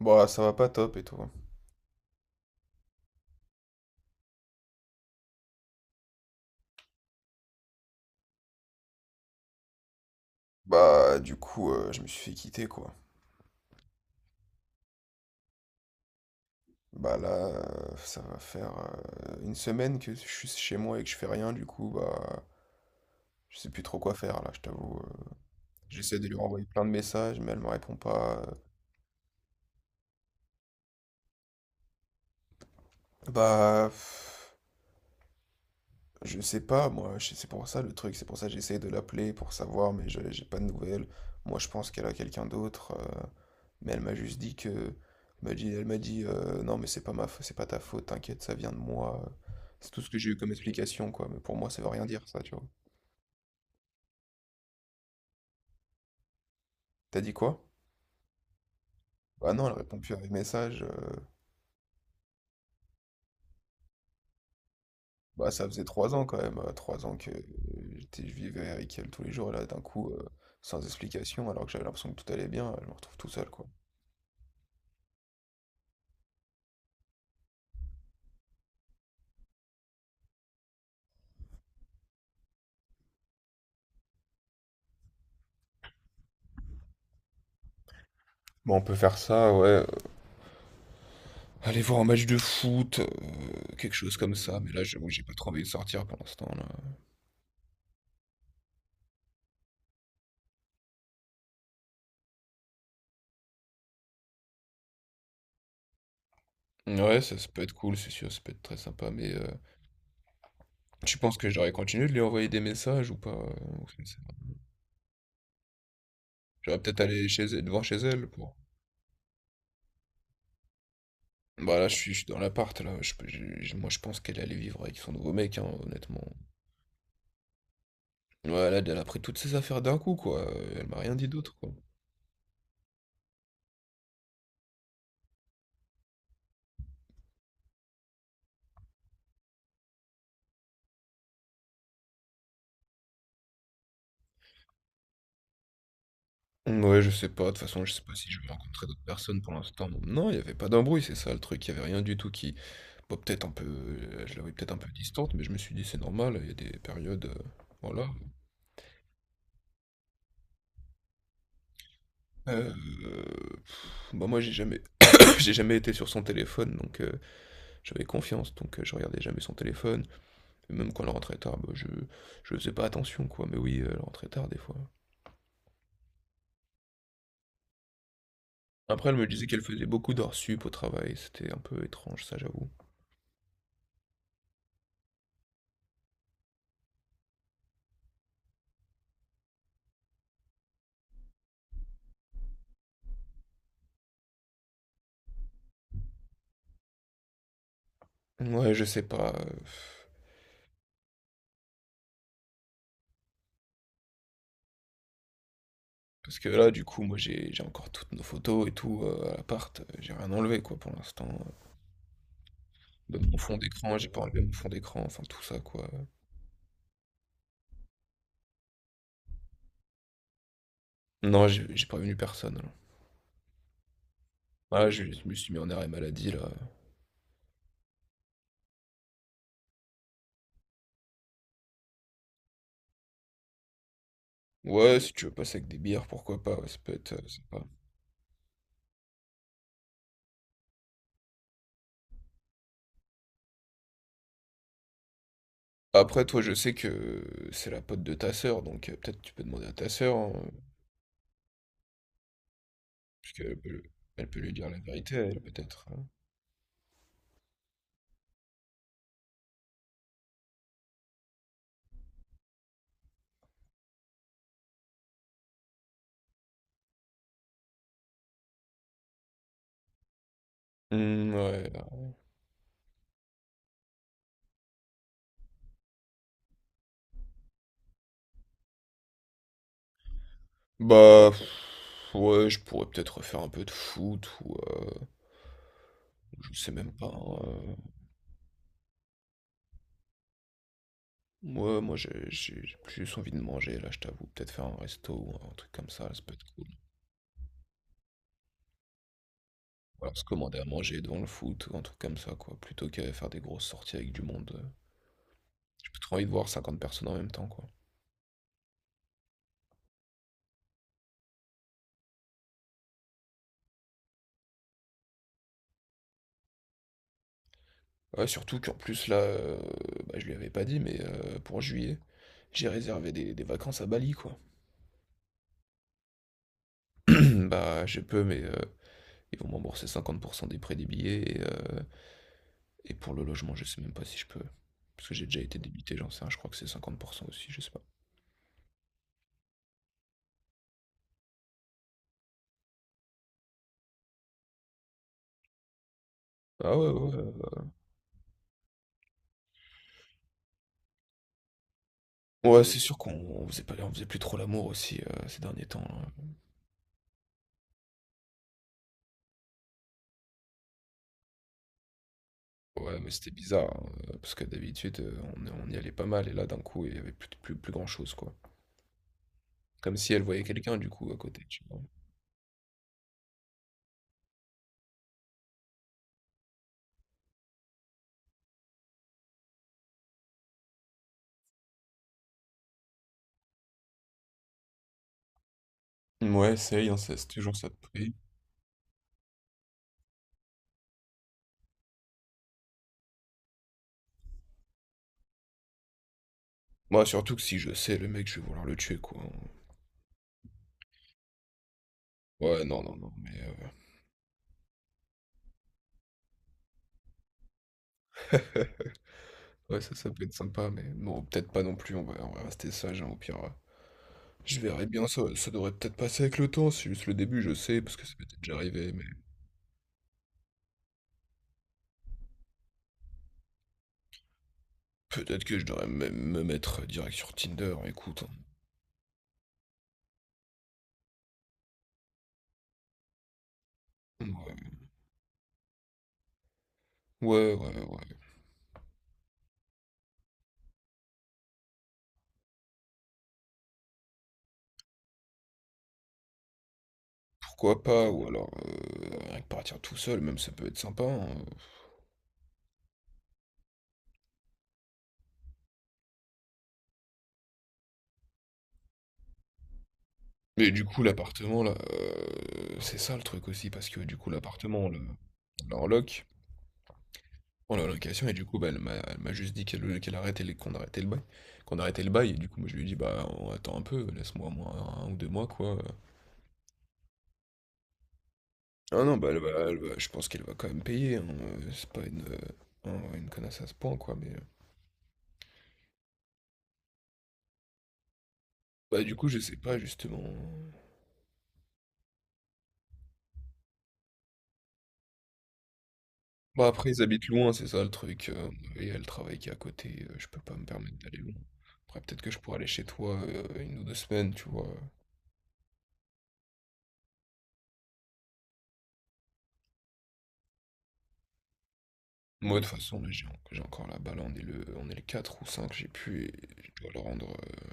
Bah, ça va pas top et toi? Bah, du coup, je me suis fait quitter, quoi. Bah, là, ça va faire, une semaine que je suis chez moi et que je fais rien, du coup, bah, je sais plus trop quoi faire, là, je t'avoue. J'essaie de lui renvoyer plein de messages, mais elle me répond pas. Bah, je sais pas, moi, c'est pour ça le truc, c'est pour ça que j'essaye de l'appeler pour savoir, mais j'ai pas de nouvelles. Moi, je pense qu'elle a quelqu'un d'autre, mais elle m'a juste dit que, m'a dit, elle m'a dit, non, mais c'est pas c'est pas ta faute, t'inquiète, ça vient de moi. C'est tout ce que j'ai eu comme explication, quoi. Mais pour moi, ça veut rien dire, ça, tu vois. T'as dit quoi? Bah non, elle répond plus à mes messages. Bah ça faisait 3 ans quand même, 3 ans que je vivais avec elle tous les jours, et là, d'un coup, sans explication, alors que j'avais l'impression que tout allait bien, je me retrouve tout seul, quoi. Bon, on peut faire ça, ouais. Aller voir un match de foot, quelque chose comme ça. Mais là, j'avoue, j'ai pas trop envie de sortir pour l'instant, là. Ouais, ça peut être cool, c'est sûr, ça peut être très sympa. Mais tu penses que j'aurais continué de lui envoyer des messages ou pas? Ou je sais pas. J'aurais peut-être allé chez elle, devant chez elle pour. Bah là, je suis dans l'appart, là. Je, peux- j'ai- moi, je pense qu'elle allait vivre avec son nouveau mec, hein, honnêtement. Ouais, là, elle a pris toutes ses affaires d'un coup, quoi. Elle m'a rien dit d'autre, quoi. Ouais, je sais pas, de toute façon, je sais pas si je vais rencontrer d'autres personnes pour l'instant. Non, il y avait pas d'embrouille, c'est ça le truc, il y avait rien du tout qui, Bon, peut-être un peu, je l'avais peut-être un peu distante, mais je me suis dit c'est normal, il y a des périodes, voilà. Bah moi j'ai jamais, j'ai jamais été sur son téléphone, donc j'avais confiance, donc je regardais jamais son téléphone. Et même quand elle rentrait tard, bah, je faisais pas attention quoi, mais oui, elle rentrait tard des fois. Après elle me disait qu'elle faisait beaucoup d'heures sup au travail, c'était un peu étrange ça j'avoue. Ouais, je sais pas. Parce que là, du coup, moi, j'ai encore toutes nos photos et tout à l'appart. J'ai rien enlevé, quoi, pour l'instant. Même mon fond d'écran, j'ai pas enlevé mon fond d'écran, enfin tout ça quoi. Non, j'ai prévenu personne, là. Ah, je me suis mis en arrêt maladie là. Ouais, si tu veux passer avec des bières, pourquoi pas, ouais, ça peut être sympa. Après toi, je sais que c'est la pote de ta sœur, donc peut-être tu peux demander à ta sœur, hein, parce qu'elle peut elle peut lui dire la vérité elle, peut-être, hein? Mmh, ouais, bah, ouais. Bah, ouais, je pourrais peut-être refaire un peu de foot ou, je sais même pas, hein, euh. Moi, plus envie de manger, là, je t'avoue. Peut-être faire un resto ou un truc comme ça peut être cool. Ou alors se commander à manger devant le foot ou un truc comme ça, quoi. Plutôt qu'à faire des grosses sorties avec du monde. J'ai plus trop envie de voir 50 personnes en même temps, quoi. Ouais, surtout qu'en plus, là, bah, je lui avais pas dit, mais pour juillet, j'ai réservé des vacances à Bali, quoi. Bah, je peux, mais ils vont me rembourser 50% des prix des billets. Et pour le logement, je sais même pas si je peux. Parce que j'ai déjà été débité, j'en sais rien, je crois que c'est 50% aussi, je sais pas. Ah ouais, ouais, ouais. Ouais, Mmh. C'est sûr qu'on faisait pas on faisait plus trop l'amour aussi, ces derniers temps, hein. Ouais, mais c'était bizarre, hein, parce que d'habitude, on y allait pas mal et là, d'un coup, il y avait plus grand chose, quoi. Comme si elle voyait quelqu'un, du coup, à côté, tu vois? Mouais, essaye, hein, ça c'est toujours ça de pris. Moi surtout que si je sais, le mec, je vais vouloir le tuer, quoi, hein. Ouais, non, non, non, mais ouais, ça peut être sympa, mais bon peut-être pas non plus, on va rester sage, hein, au pire, je verrai bien, ça devrait peut-être passer avec le temps, c'est juste le début, je sais, parce que ça m'était déjà arrivé, mais Peut-être que je devrais même me mettre direct sur Tinder, écoute. Ouais, ouais, ouais. Ouais. Pourquoi pas? Ou alors, rien que partir tout seul, même ça peut être sympa. Hein. Mais du coup, l'appartement, là, c'est ça le truc aussi, parce que du coup, l'appartement, on l'a en loc, on l'a en location, et du coup, bah, elle m'a juste dit qu'elle arrêtait, qu'on arrêtait le bail. Qu'on arrêtait le bail, et du coup, moi, je lui ai dit, bah, on attend un peu, laisse-moi moi 1 ou 2 mois, quoi. Ah non, bah, je pense qu'elle va quand même payer, hein, c'est pas une connasse à ce point, quoi, mais. Bah, du coup, je sais pas justement. Bah, après, ils habitent loin, c'est ça le truc, et il y a le travail qui est à côté, je peux pas me permettre d'aller loin. Après, peut-être que je pourrais aller chez toi, 1 ou deux semaines, tu vois? Moi, de toute façon, là, j'ai encore la balle, on est le 4 ou 5 j'ai pu et je dois le rendre, heu,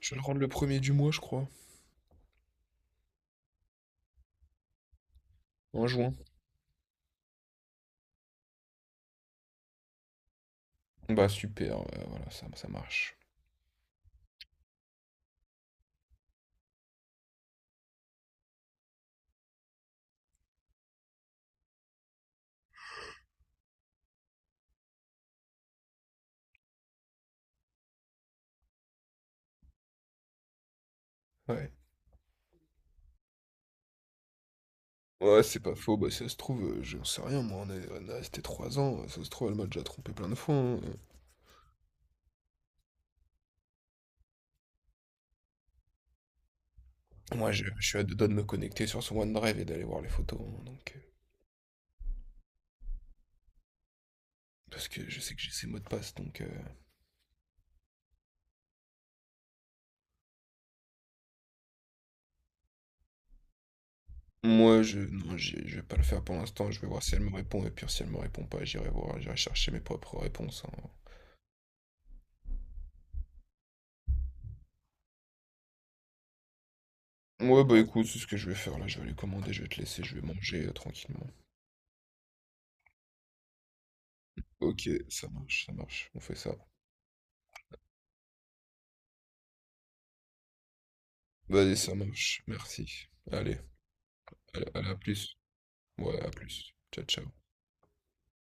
je dois le rendre le 1er du mois, je crois, en juin. Bah, super, ouais, voilà, ça marche. Ouais. Ouais, c'est pas faux, bah, si ça se trouve, j'en sais rien moi, on est restés 3 ans, ça se trouve, elle m'a déjà trompé plein de fois, hein, Moi, je suis à deux doigts de me connecter sur son OneDrive et d'aller voir les photos. Hein, donc, parce que je sais que j'ai ses mots de passe. Donc, moi, je, non, j'ai- je vais pas le faire pour l'instant. Je vais voir si elle me répond. Et puis, si elle me répond pas, j'irai voir. J'irai chercher mes propres réponses. Hein. Ouais, bah écoute, c'est ce que je vais faire là. Je vais lui commander. Je vais te laisser. Je vais manger tranquillement. Ok, ça marche, ça marche. On fait ça. Vas-y, ça marche. Merci. Allez, allez, allez, à plus. Ouais, à plus. Ciao, ciao.